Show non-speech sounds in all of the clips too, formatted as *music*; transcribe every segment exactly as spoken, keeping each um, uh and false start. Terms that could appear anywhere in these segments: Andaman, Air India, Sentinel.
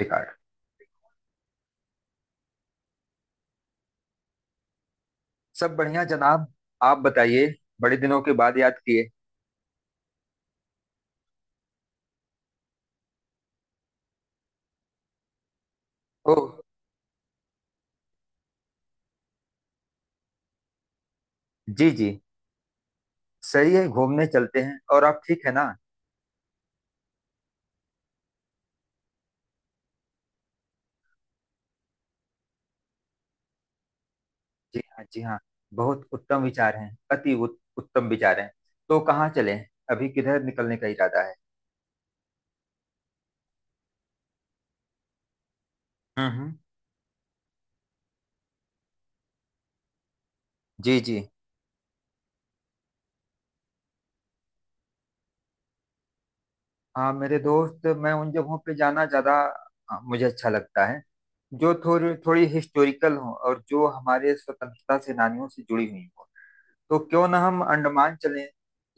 Record. सब बढ़िया जनाब। आप बताइए। बड़े दिनों के बाद याद किए। ओह। जी जी। सही है, घूमने चलते हैं। और आप ठीक है ना? जी हाँ जी हाँ। बहुत उत्तम विचार हैं। अति उत, उत्तम विचार हैं। तो कहाँ चलें? अभी किधर निकलने का इरादा है? हम्म हम्म। जी जी। हाँ मेरे दोस्त, मैं उन जगहों पे जाना ज्यादा अ, मुझे अच्छा लगता है जो थोड़ी थोड़ी हिस्टोरिकल हो और जो हमारे स्वतंत्रता सेनानियों से जुड़ी हुई हो। तो क्यों ना हम अंडमान चलें।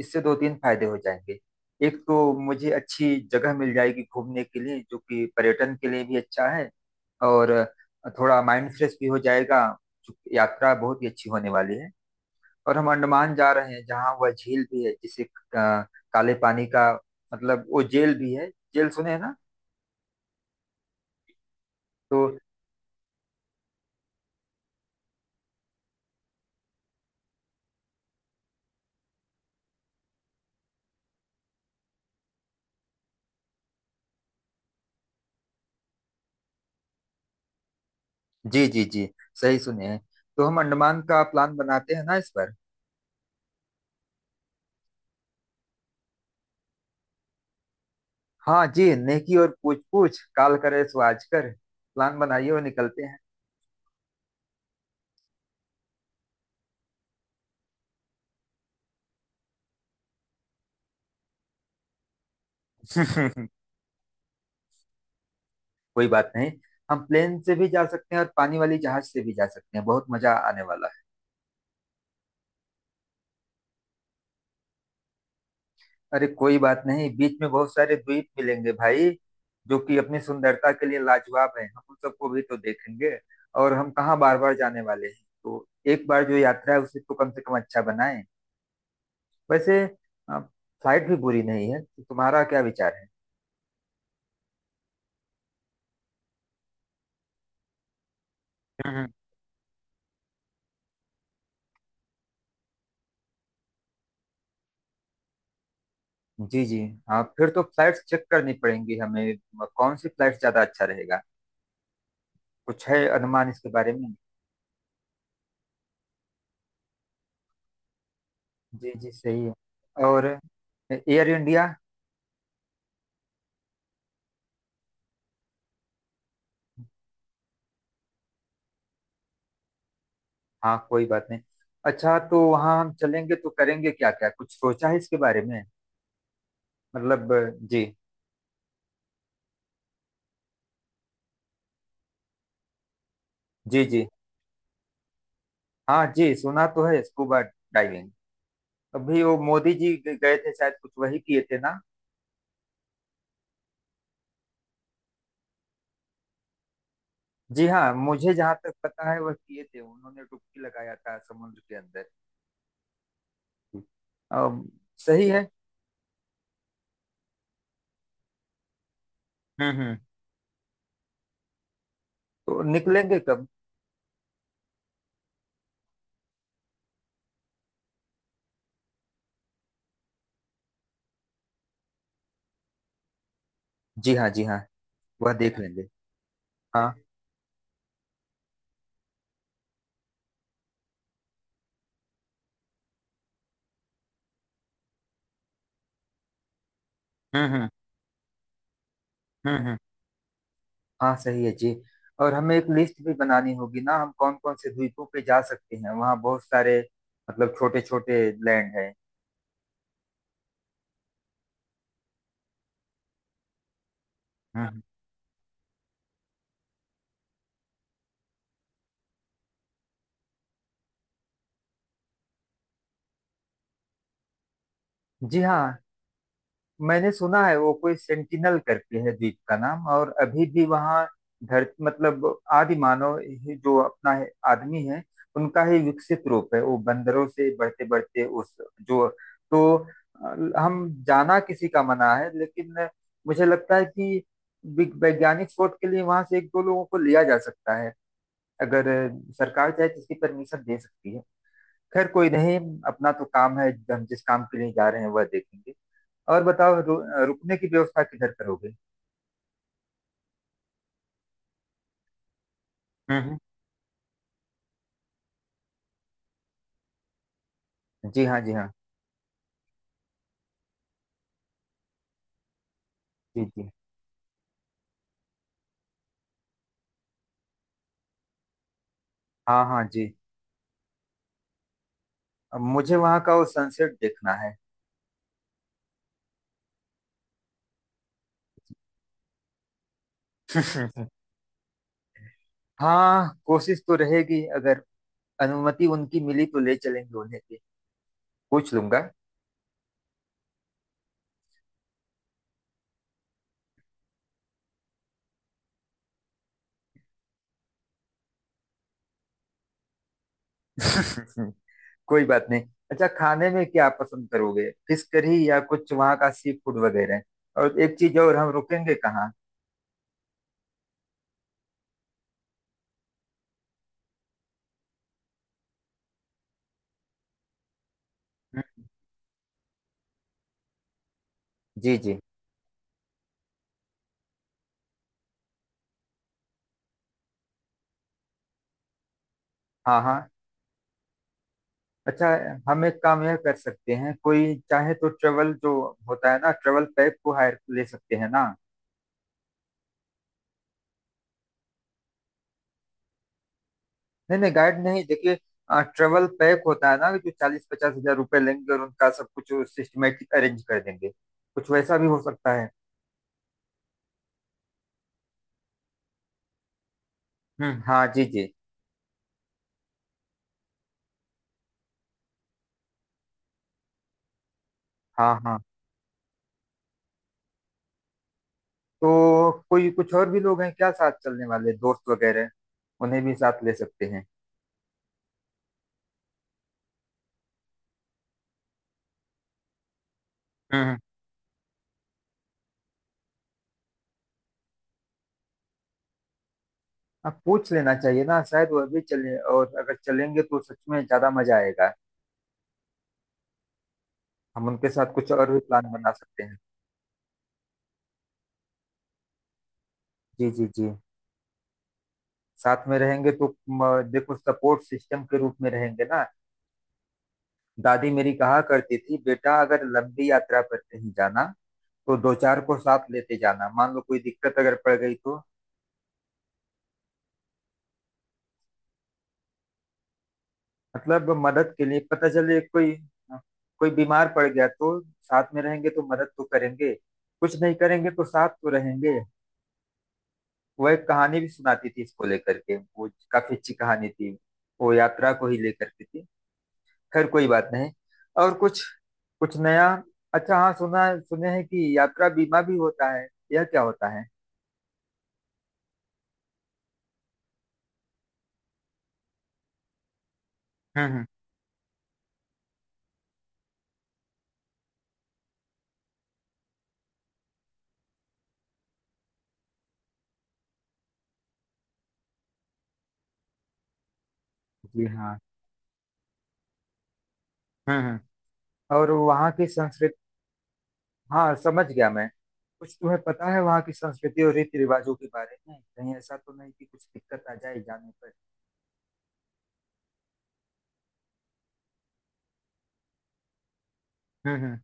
इससे दो तीन फायदे हो जाएंगे। एक तो मुझे अच्छी जगह मिल जाएगी घूमने के लिए, जो कि पर्यटन के लिए भी अच्छा है। और थोड़ा माइंड फ्रेश भी हो जाएगा। चूंकि यात्रा बहुत ही अच्छी होने वाली है। और हम अंडमान जा रहे हैं, जहाँ वह झील भी है जिसे अ, काले पानी का मतलब वो जेल भी है। जेल सुने हैं ना? तो जी जी जी। सही सुने हैं। तो हम अंडमान का प्लान बनाते हैं ना इस पर। हाँ जी, नेकी और पूछ पूछ, काल करे सो आज कर। प्लान बनाइए और निकलते हैं। *laughs* कोई बात नहीं। हम प्लेन से भी जा सकते हैं और पानी वाली जहाज से भी जा सकते हैं। बहुत मजा आने वाला है। अरे कोई बात नहीं, बीच में बहुत सारे द्वीप मिलेंगे भाई, जो कि अपनी सुंदरता के लिए लाजवाब है। हम उन सबको भी तो देखेंगे। और हम कहाँ बार बार जाने वाले हैं, तो एक बार जो यात्रा है उसे तो कम से कम अच्छा बनाएं। वैसे फ्लाइट भी बुरी नहीं है। तो तुम्हारा क्या विचार है? जी जी। हाँ फिर तो फ्लाइट्स चेक करनी पड़ेंगी हमें। कौन सी फ्लाइट ज्यादा अच्छा रहेगा? कुछ है अनुमान इसके बारे में? जी जी सही है। और एयर इंडिया। हाँ कोई बात नहीं। अच्छा, तो वहाँ हम चलेंगे तो करेंगे क्या क्या? कुछ सोचा है इसके बारे में? मतलब। जी जी जी। हाँ जी सुना तो है, स्कूबा डाइविंग। अभी वो मोदी जी ग- गए थे शायद, कुछ वही किए थे ना? जी हाँ, मुझे जहाँ तक पता है वह किए थे, उन्होंने डुबकी लगाया था समुद्र के अंदर। अम, सही है। हम्म हम्म। तो निकलेंगे कब? जी हाँ जी हाँ, वह देख लेंगे। हाँ। हम्म हम्म। हम्म हम्म। हाँ सही है जी। और हमें एक लिस्ट भी बनानी होगी ना, हम कौन कौन से द्वीपों पे जा सकते हैं। वहाँ बहुत सारे मतलब छोटे छोटे लैंड है। हम्म। जी हाँ, मैंने सुना है वो कोई सेंटिनल करके है द्वीप का नाम, और अभी भी वहाँ धरती मतलब आदि मानव ही, जो अपना है, आदमी है, उनका ही विकसित रूप है, वो बंदरों से बढ़ते बढ़ते उस जो। तो अ, हम जाना किसी का मना है, लेकिन मुझे लगता है कि वि- वैज्ञानिक शोध के लिए वहां से एक दो लोगों को लिया जा सकता है। अगर अ, सरकार चाहे तो इसकी परमिशन दे सकती है। खैर कोई नहीं। अपना तो काम है, हम जिस काम के लिए जा रहे हैं वह देखेंगे। और बताओ, रु, रुकने की व्यवस्था किधर करोगे? हम्म हम्म। जी हाँ जी हाँ। जी जी। हाँ हाँ जी। अब मुझे वहां का वो सनसेट देखना है। हम्म। *laughs* हाँ कोशिश तो रहेगी, अगर अनुमति उनकी मिली तो ले चलेंगे उन्हें भी। पूछ लूंगा। *laughs* कोई बात नहीं। अच्छा, खाने में क्या पसंद करोगे? फिश करी या कुछ वहाँ का सी फूड वगैरह? और एक चीज, और हम रुकेंगे कहाँ? जी जी। हाँ हाँ। अच्छा, हम एक काम यह कर सकते हैं, कोई चाहे तो ट्रेवल जो होता है ना, ट्रेवल पैक को हायर ले सकते हैं ना? नहीं नहीं, गाइड नहीं, देखिए ट्रेवल पैक होता है ना, जो चालीस पचास हजार रुपए लेंगे और उनका सब कुछ सिस्टमेटिक अरेंज कर देंगे। कुछ वैसा भी हो सकता है। हम्म हाँ जी जी। हाँ हाँ। तो कोई कुछ और भी लोग हैं क्या, साथ चलने वाले दोस्त वगैरह? उन्हें भी साथ ले सकते हैं। हम्म। आप पूछ लेना चाहिए ना, शायद वह भी चले। और अगर चलेंगे तो सच में ज्यादा मजा आएगा। हम उनके साथ कुछ और भी प्लान बना सकते हैं। जी जी जी। साथ में रहेंगे तो म, देखो सपोर्ट सिस्टम के रूप में रहेंगे ना। दादी मेरी कहा करती थी, बेटा अगर लंबी यात्रा पर कहीं जाना तो दो चार को साथ लेते जाना। मान लो कोई दिक्कत अगर पड़ गई तो मतलब मदद के लिए पता चले कोई। कोई बीमार पड़ गया तो साथ में रहेंगे तो मदद तो करेंगे। कुछ नहीं करेंगे तो साथ तो रहेंगे। वो एक कहानी भी सुनाती थी इसको लेकर के, वो काफी अच्छी कहानी थी। वो यात्रा को ही लेकर के थी। खैर कोई बात नहीं। और कुछ कुछ नया। अच्छा हाँ, सुना सुने हैं कि यात्रा बीमा भी होता है। यह क्या होता है? हम्म हम्म। जी हाँ। हम्म हम्म। और वहाँ की संस्कृति? हाँ समझ गया मैं। कुछ तुम्हें पता है वहाँ की संस्कृति और रीति रिवाजों के बारे में? कहीं ऐसा तो नहीं कि कुछ दिक्कत आ जाए जाने पर? हम्म हम्म।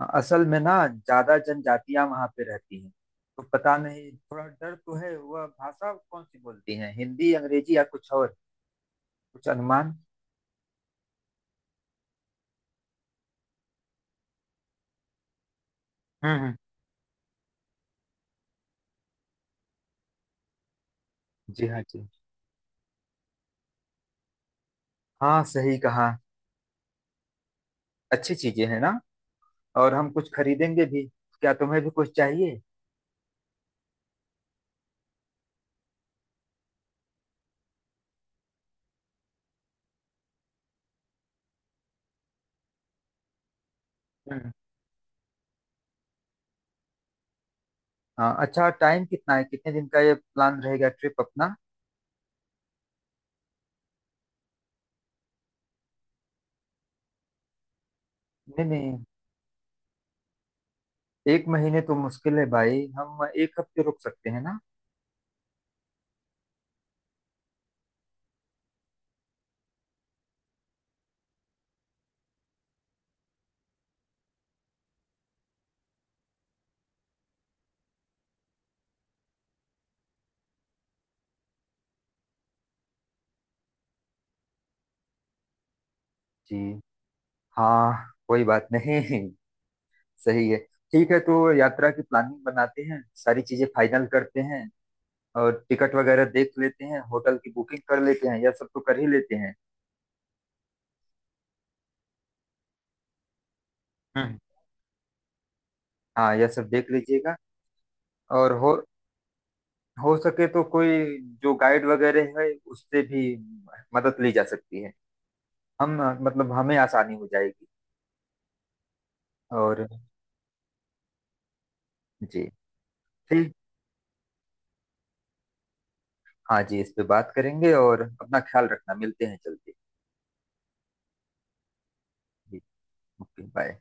हाँ, असल में ना ज्यादा जनजातियां वहाँ पे रहती हैं। तो पता नहीं, थोड़ा डर तो है। वह भाषा कौन सी बोलती है, हिंदी अंग्रेजी या कुछ और? कुछ अनुमान? हम्म हम्म। जी हाँ जी हाँ। सही कहा। अच्छी चीजें हैं ना। और हम कुछ खरीदेंगे भी, क्या तुम्हें भी कुछ चाहिए? हम्म। हाँ अच्छा, टाइम कितना है? कितने दिन का ये प्लान रहेगा, ट्रिप अपना? नहीं नहीं, एक महीने तो मुश्किल है भाई। हम एक हफ्ते रुक सकते हैं ना? जी हाँ कोई बात नहीं। *laughs* सही है। ठीक है, तो यात्रा की प्लानिंग बनाते हैं, सारी चीजें फाइनल करते हैं और टिकट वगैरह देख लेते हैं, होटल की बुकिंग कर लेते हैं, यह सब तो कर ही लेते हैं। हम्म। हाँ यह सब देख लीजिएगा। और हो हो सके तो कोई जो गाइड वगैरह है उससे भी मदद ली जा सकती है। हम मतलब, हमें आसानी हो जाएगी। और जी। ठीक। हाँ जी इस पे बात करेंगे। और अपना ख्याल रखना, मिलते हैं जल्दी। जी। Okay bye.